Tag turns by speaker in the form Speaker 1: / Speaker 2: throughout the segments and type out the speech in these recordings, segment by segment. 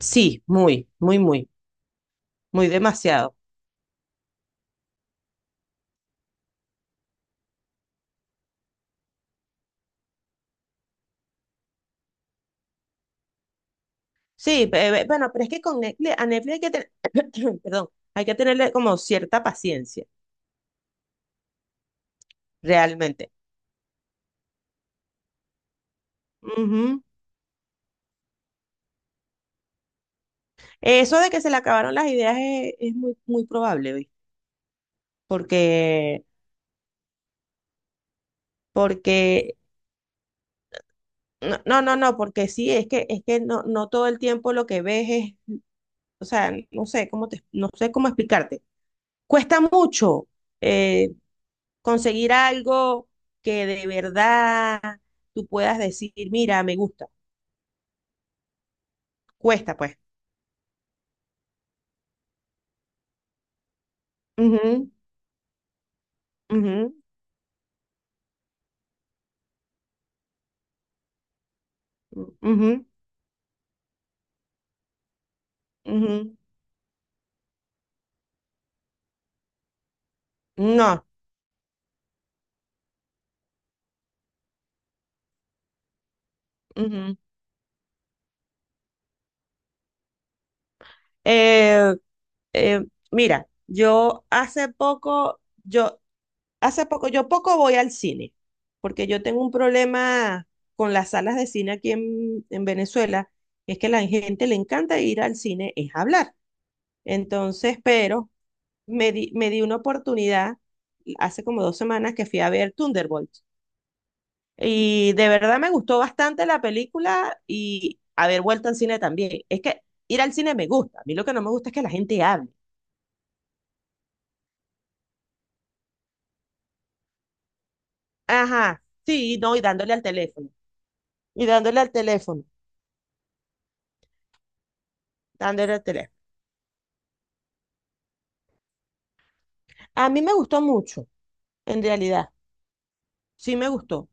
Speaker 1: Sí, muy, muy, muy, muy demasiado. Sí, bueno, pero es que con Netflix, a Netflix hay que tener, perdón, hay que tenerle como cierta paciencia, realmente. Ujú. Eso de que se le acabaron las ideas es muy, muy probable, ¿oí? Porque, porque, no, no, no, no, porque sí, es que no, no todo el tiempo lo que ves es, o sea, no sé cómo explicarte. Cuesta mucho. eh, Conseguir algo que de verdad tú puedas decir, mira, me gusta, cuesta pues. Ujú, ujú, ujú, ujú. No. Ujú. Eh, eh, Mira, yo hace poco, yo poco voy al cine, porque yo tengo un problema con las salas de cine en Venezuela, es que la gente le encanta ir al cine, es hablar. Entonces, pero me di una oportunidad hace como dos semanas que fui a ver Thunderbolts. Y de verdad me gustó bastante la película y haber vuelto al cine también. Es que ir al cine me gusta. A mí lo que no me gusta es que la gente hable. Ajá, sí, no, y dándole al teléfono. Y dándole al teléfono, dándole al teléfono. A mí me gustó mucho, en realidad. Sí me gustó.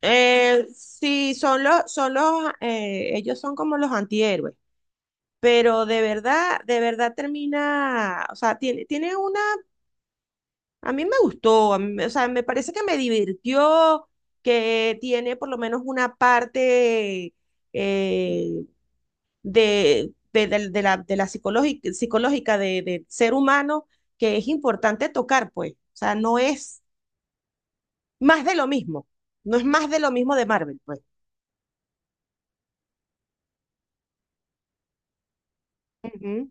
Speaker 1: Sí, ellos son como los antihéroes. Pero de verdad termina, o sea, tiene una. A mí me gustó, a mí me- o sea, me parece que me divirtió, que tiene por lo menos una parte eh, de la psicológica, psicológica de ser humano que es importante tocar, pues. O sea, no es más de lo mismo, no es más de lo mismo de Marvel, pues. Ujú.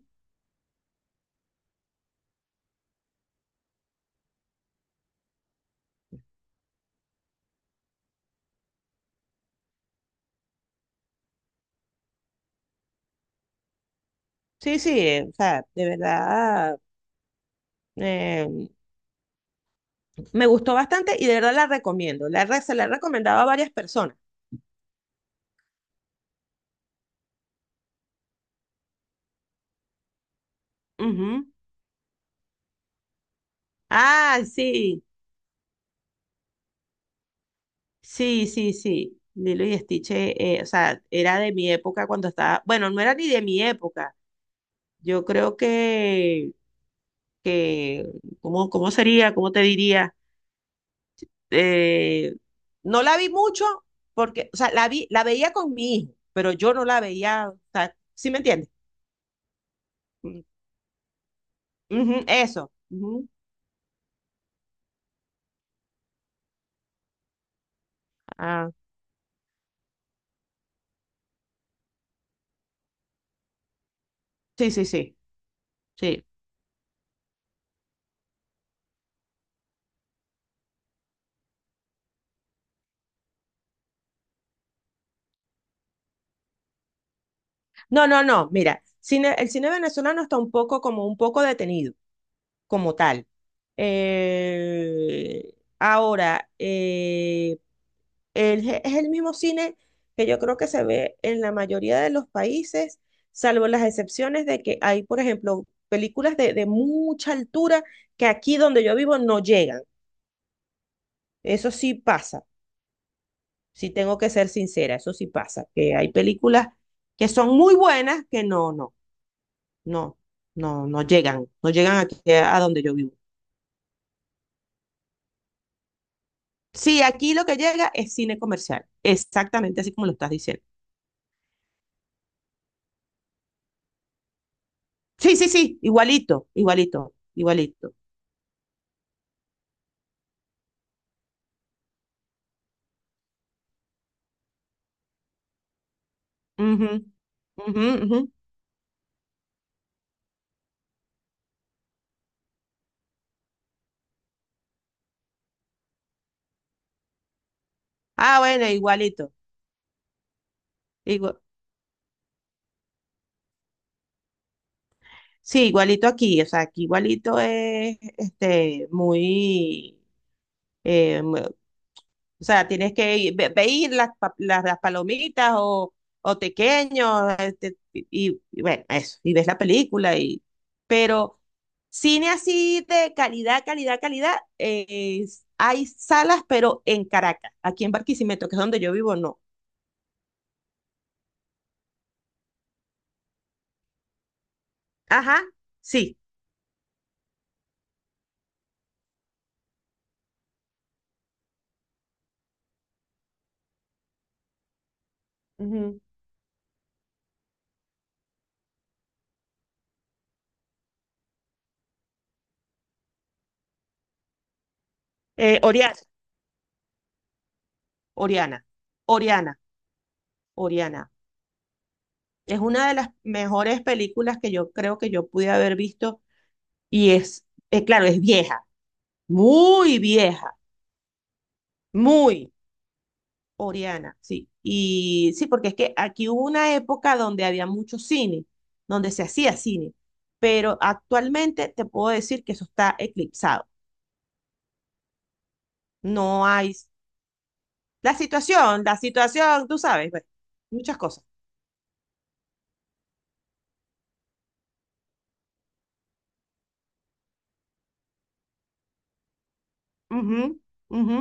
Speaker 1: Sí, sí, o sea, de verdad eh, me gustó bastante y de verdad la recomiendo. Se la he recomendado a varias personas. Ujú. Ah, sí. Sí, sí, sí. Lilo y Stitch, o sea, era de mi época cuando estaba. Bueno, no era ni de mi época. Yo creo que, ¿cómo, cómo sería? ¿Cómo te diría? Eh, no la vi mucho porque, o sea, la veía con mi hijo, pero yo no la veía, o sea, ¿sí me entiendes? Mm, ujú, eso. Ujú. Ah, sí, sí, sí, sí. No, no, no. Mira, el cine venezolano está un poco como un poco detenido. Como tal. Eh, ahora, eh, es el mismo cine que yo creo que se ve en la mayoría de los países, salvo las excepciones de que hay, por ejemplo, películas de mucha altura que aquí donde yo vivo no llegan. Eso sí pasa, sí tengo que ser sincera, eso sí pasa, que hay películas que son muy buenas que no, no llegan, no llegan aquí a donde yo vivo. Sí, aquí lo que llega es cine comercial, exactamente así como lo estás diciendo. Sí, sí, sí, igualito, igualito, igualito. Ujú, ujú, ujú. Ah, bueno, igualito. igua- sí, igualito aquí, o sea, aquí igualito es este, muy, eh, o sea, tienes que ir, ve, ve ir las palomitas o tequeños, este, y bueno, eso, y ves la película, y, pero cine así de calidad, calidad, calidad, hay salas, pero en Caracas, aquí en Barquisimeto, que es donde yo vivo, no. Ajá, sí. Ujú. Oriana, Oriana, Oriana, Oriana. Es una de las mejores películas que yo creo que yo pude haber visto y es, claro, es vieja, muy vieja, muy Oriana, sí. Y sí, porque es que aquí hubo una época donde había mucho cine, donde se hacía cine, pero actualmente te puedo decir que eso está eclipsado. No hay la situación, tú sabes, bueno, muchas cosas. Ujú, ujú,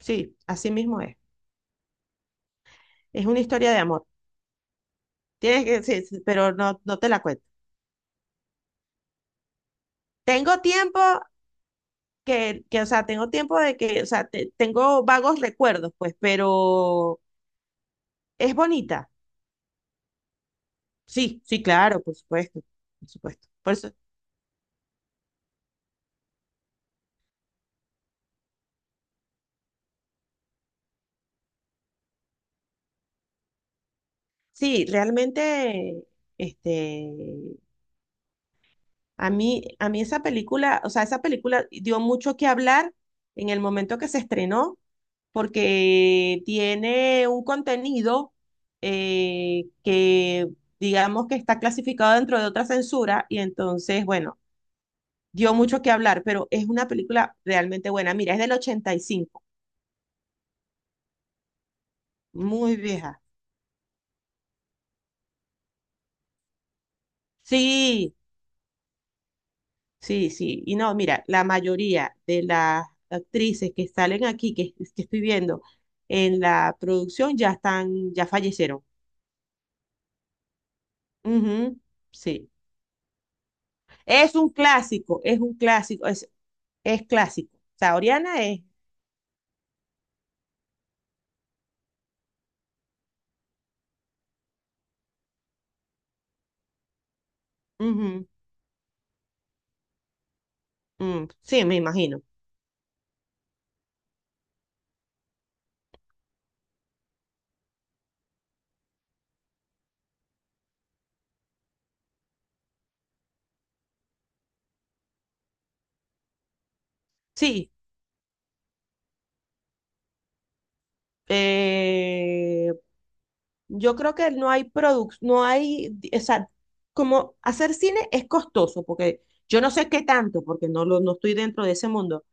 Speaker 1: sí, así mismo es. Es una historia de amor. Tienes que, sí, sí, pero no, no te la cuento. Tengo tiempo Tengo tiempo de que, o sea, tengo vagos recuerdos, pues, pero es bonita. Sí, sí, claro, por supuesto, por supuesto. Por eso, sí, realmente, este, a mí esa película, o sea, esa película dio mucho que hablar en el momento que se estrenó, porque tiene un contenido eh, que, digamos que está clasificado dentro de otra censura, y entonces, bueno, dio mucho que hablar, pero es una película realmente buena. Mira, es del 85, muy vieja. Sí, sí, sí. Y no, mira, la mayoría de las actrices que salen aquí, que estoy viendo en la producción, ya están, ya fallecieron. Ujú, sí. Es un clásico, es un clásico, es clásico. O sea, Oriana es. Ujú, mm, sí, me imagino. Sí. eh, Yo creo que no hay productos, no hay, o sea, como hacer cine es costoso, porque yo no sé qué tanto, porque no estoy dentro de ese mundo,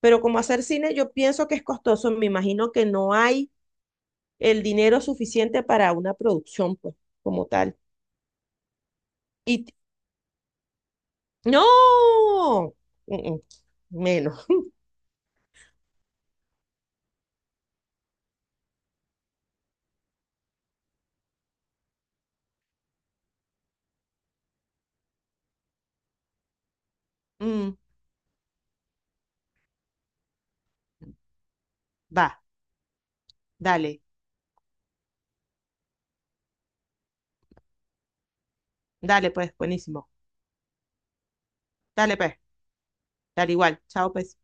Speaker 1: pero como hacer cine yo pienso que es costoso, me imagino que no hay el dinero suficiente para una producción, pues, como tal. Y t- no, mm, mm, menos. Mm, va, dale, dale pues, buenísimo. Dale pues, dale igual, chao pues.